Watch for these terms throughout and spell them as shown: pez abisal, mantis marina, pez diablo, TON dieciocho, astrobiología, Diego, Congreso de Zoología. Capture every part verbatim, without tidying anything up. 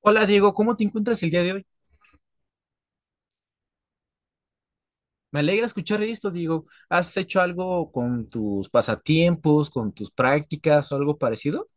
Hola Diego, ¿cómo te encuentras el día de hoy? Me alegra escuchar esto, Diego. ¿Has hecho algo con tus pasatiempos, con tus prácticas o algo parecido?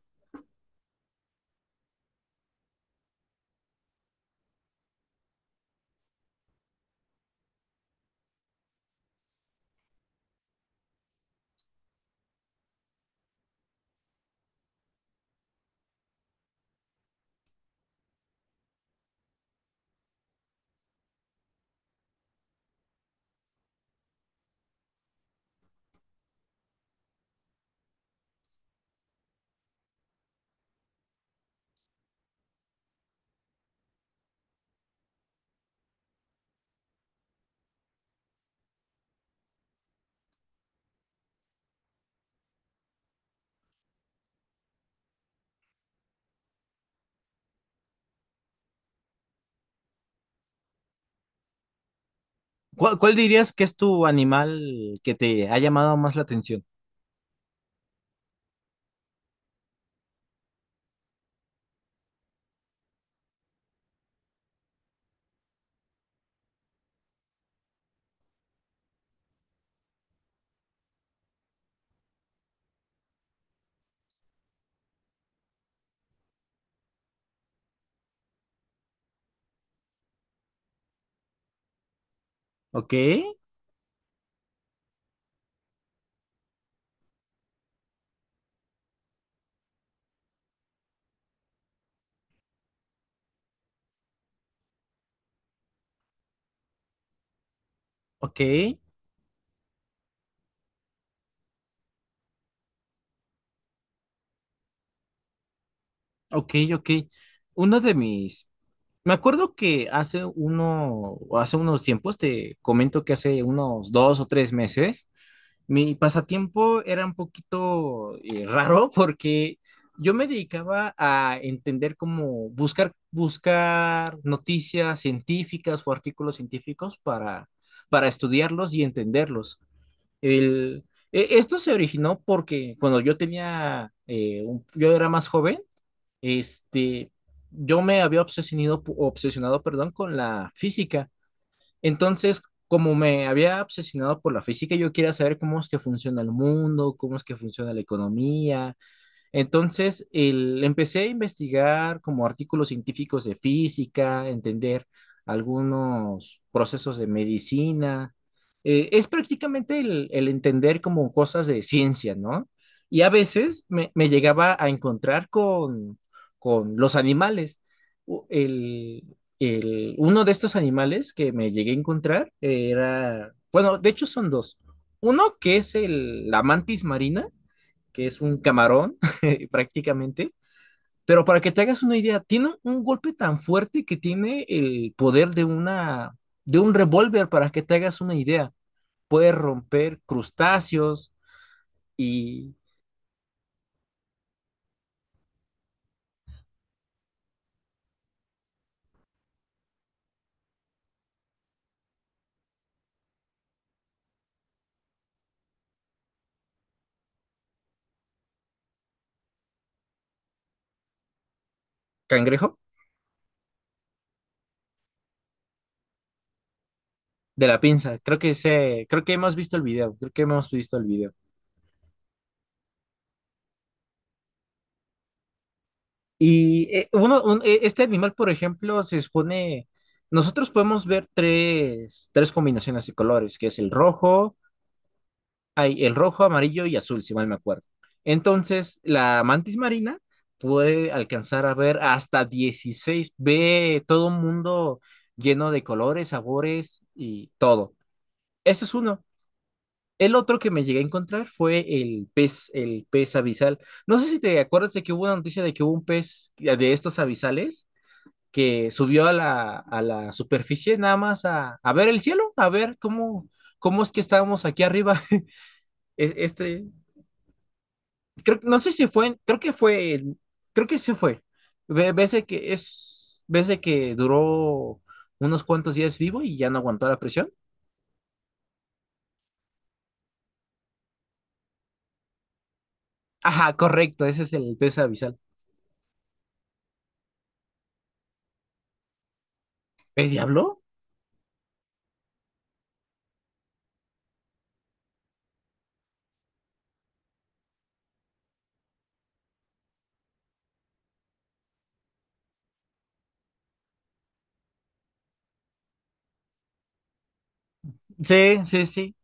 ¿Cuál, cuál dirías que es tu animal que te ha llamado más la atención? Ok, ok, ok, ok. Uno de mis Me acuerdo que hace uno, hace unos tiempos, te comento que hace unos dos o tres meses, mi pasatiempo era un poquito eh, raro porque yo me dedicaba a entender cómo buscar, buscar noticias científicas o artículos científicos para, para estudiarlos y entenderlos. El, e- Esto se originó porque cuando yo tenía, eh, un- yo era más joven, este, yo me había obsesionado, obsesionado, perdón, con la física. Entonces, como me había obsesionado por la física, yo quería saber cómo es que funciona el mundo, cómo es que funciona la economía, entonces, el, empecé a investigar como artículos científicos de física, entender algunos procesos de medicina. Eh, es prácticamente el, el entender como cosas de ciencia, ¿no? Y a veces me, me llegaba a encontrar con, con los animales. U- El, el- uno de estos animales que me llegué a encontrar era, bueno, de hecho son dos. Uno que es el, la mantis marina, que es un camarón prácticamente. Pero para que te hagas una idea, tiene un golpe tan fuerte que tiene el poder de una de un revólver, para que te hagas una idea. Puede romper crustáceos y cangrejo de la pinza. Creo que se, creo que hemos visto el video, creo que hemos visto el video. Y eh, uno, un, eh, este animal, por ejemplo, se expone, nosotros podemos ver tres, tres combinaciones de colores, que es el rojo, hay el rojo, amarillo y azul, si mal me acuerdo. Entonces, la mantis marina puede alcanzar a ver hasta dieciséis, ve todo un mundo lleno de colores, sabores y todo. Ese es uno. El otro que me llegué a encontrar fue el pez, el pez abisal. No sé si te acuerdas de que hubo una noticia de que hubo un pez de estos abisales que subió a la, a la superficie nada más a, a ver el cielo, a ver cómo, cómo es que estábamos aquí arriba. Es- Este, creo, no sé si fue, creo que fue, creo que sí fue. Ve- Ves de que es, ves de que duró unos cuantos días vivo y ya no aguantó la presión. Ajá, correcto, ese es el pez abisal. ¿Pez diablo? Sí, sí, sí.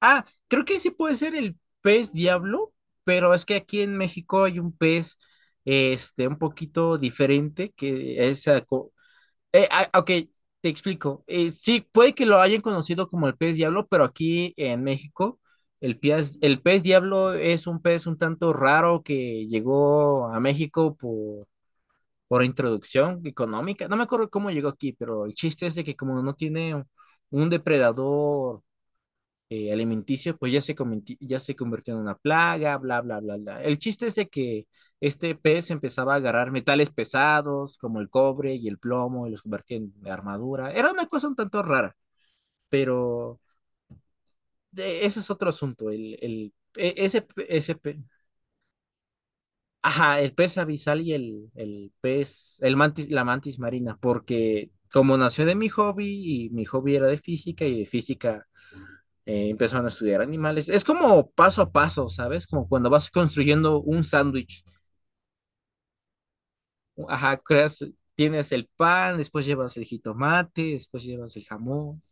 Ah, creo que sí puede ser el pez diablo, pero es que aquí en México hay un pez, este, un poquito diferente que es, Eh, ah, ok, te explico. Eh, sí, puede que lo hayan conocido como el pez diablo, pero aquí en México el pez, el pez diablo es un pez un tanto raro que llegó a México por, por introducción económica. No me acuerdo cómo llegó aquí, pero el chiste es de que como no tiene un depredador eh, alimenticios, pues ya se, comenti- ya se convirtió en una plaga, bla, bla, bla, bla. El chiste es de que este pez empezaba a agarrar metales pesados como el cobre y el plomo y los convertía en armadura. Era una cosa un tanto rara, pero de- ese es otro asunto. El, el, e- ese, pe- ese, pe- Ajá, el pez abisal y el, el pez, el mantis, la mantis marina, porque como nació de mi hobby y mi hobby era de física y de física eh, empezaron a estudiar animales. Es como paso a paso, ¿sabes? Como cuando vas construyendo un sándwich. Ajá, creas, tienes el pan, después llevas el jitomate, después llevas el jamón.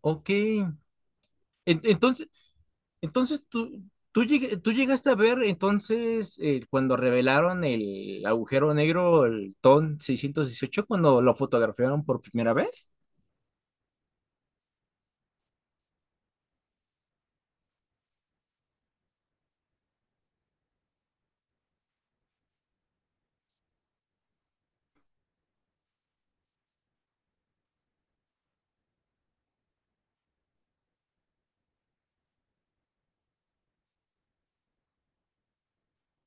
Ok. En- Entonces, entonces tú, tú, lleg- tú llegaste a ver entonces eh, cuando revelaron el agujero negro, el T O N dieciocho, cuando lo fotografiaron por primera vez.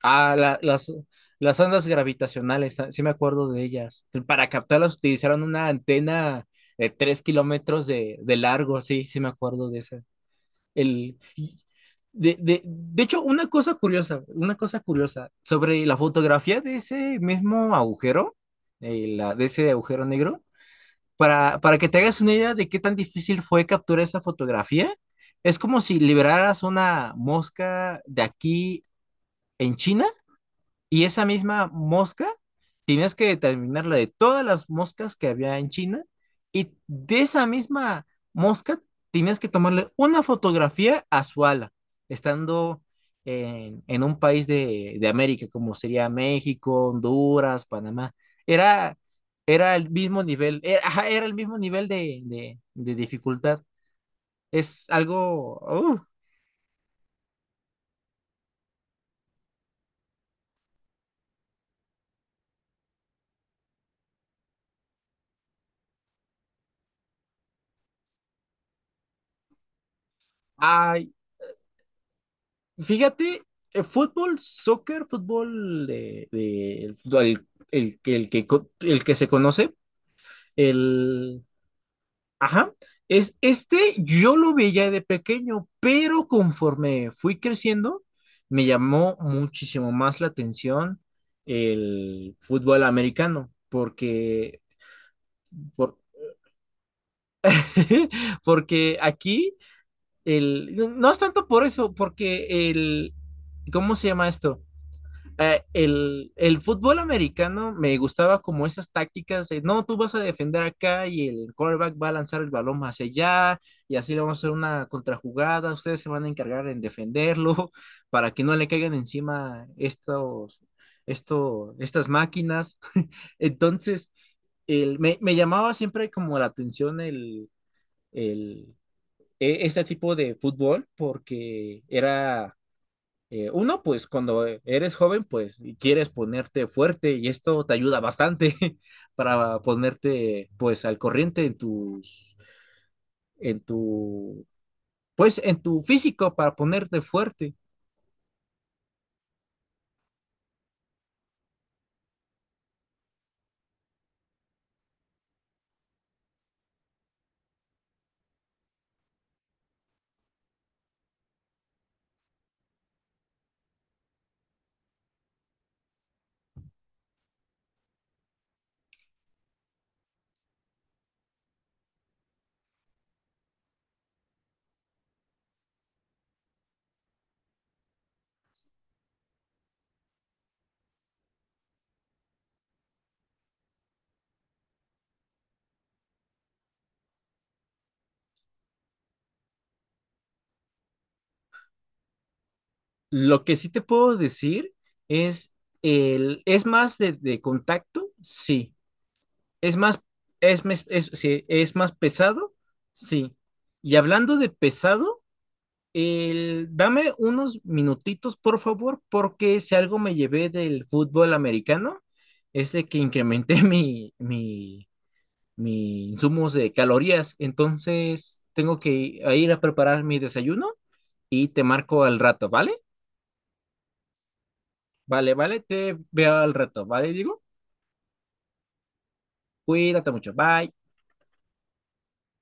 Ah, la- las, las ondas gravitacionales, ah, sí me acuerdo de ellas. Para captarlas utilizaron una antena de tres kilómetros de, de largo, sí, sí me acuerdo de esa. El, de, de, de hecho, una cosa curiosa, una cosa curiosa sobre la fotografía de ese mismo agujero, eh, la, de ese agujero negro, para, para que te hagas una idea de qué tan difícil fue capturar esa fotografía, es como si liberaras una mosca de aquí en China, y esa misma mosca, tienes que determinar la de todas las moscas que había en China, y de esa misma mosca tienes que tomarle una fotografía a su ala, estando en, en un país de, de América, como sería México, Honduras, Panamá. Era, era el mismo nivel, era, ajá, era el mismo nivel de, de- de dificultad. Es algo... ¡Uh! Fíjate, el fútbol, soccer, fútbol de, de- el, fútbol- el- el que el que co- el que se conoce, el ajá, es este, yo lo veía de pequeño, pero conforme fui creciendo me llamó muchísimo más la atención el fútbol americano, porque por- porque aquí el no es tanto por eso, porque el ¿cómo se llama esto? Eh, el, el fútbol americano me gustaba como esas tácticas de, no, tú vas a defender acá y el quarterback va a lanzar el balón más allá, y así le vamos a hacer una contrajugada, ustedes se van a encargar en defenderlo para que no le caigan encima estos, esto, estas máquinas. Entonces, el, me, me llamaba siempre como la atención el, el, e- este tipo de fútbol, porque era eh, uno, pues cuando eres joven, pues, y quieres ponerte fuerte y esto te ayuda bastante para ponerte pues al corriente en tus, en tu, pues en tu físico para ponerte fuerte. Lo que sí te puedo decir es, el, es más de, de contacto, sí. Es más, es, mes- es, sí, es más pesado, sí. Y hablando de pesado, El, dame unos minutitos, por favor, porque si algo me llevé del fútbol americano, es de que incrementé mi, mi, mi insumos de calorías. Entonces, tengo que ir a preparar mi desayuno y te marco al rato, ¿vale? Vale, vale, te veo al rato, ¿vale? Digo, cuídate mucho, bye.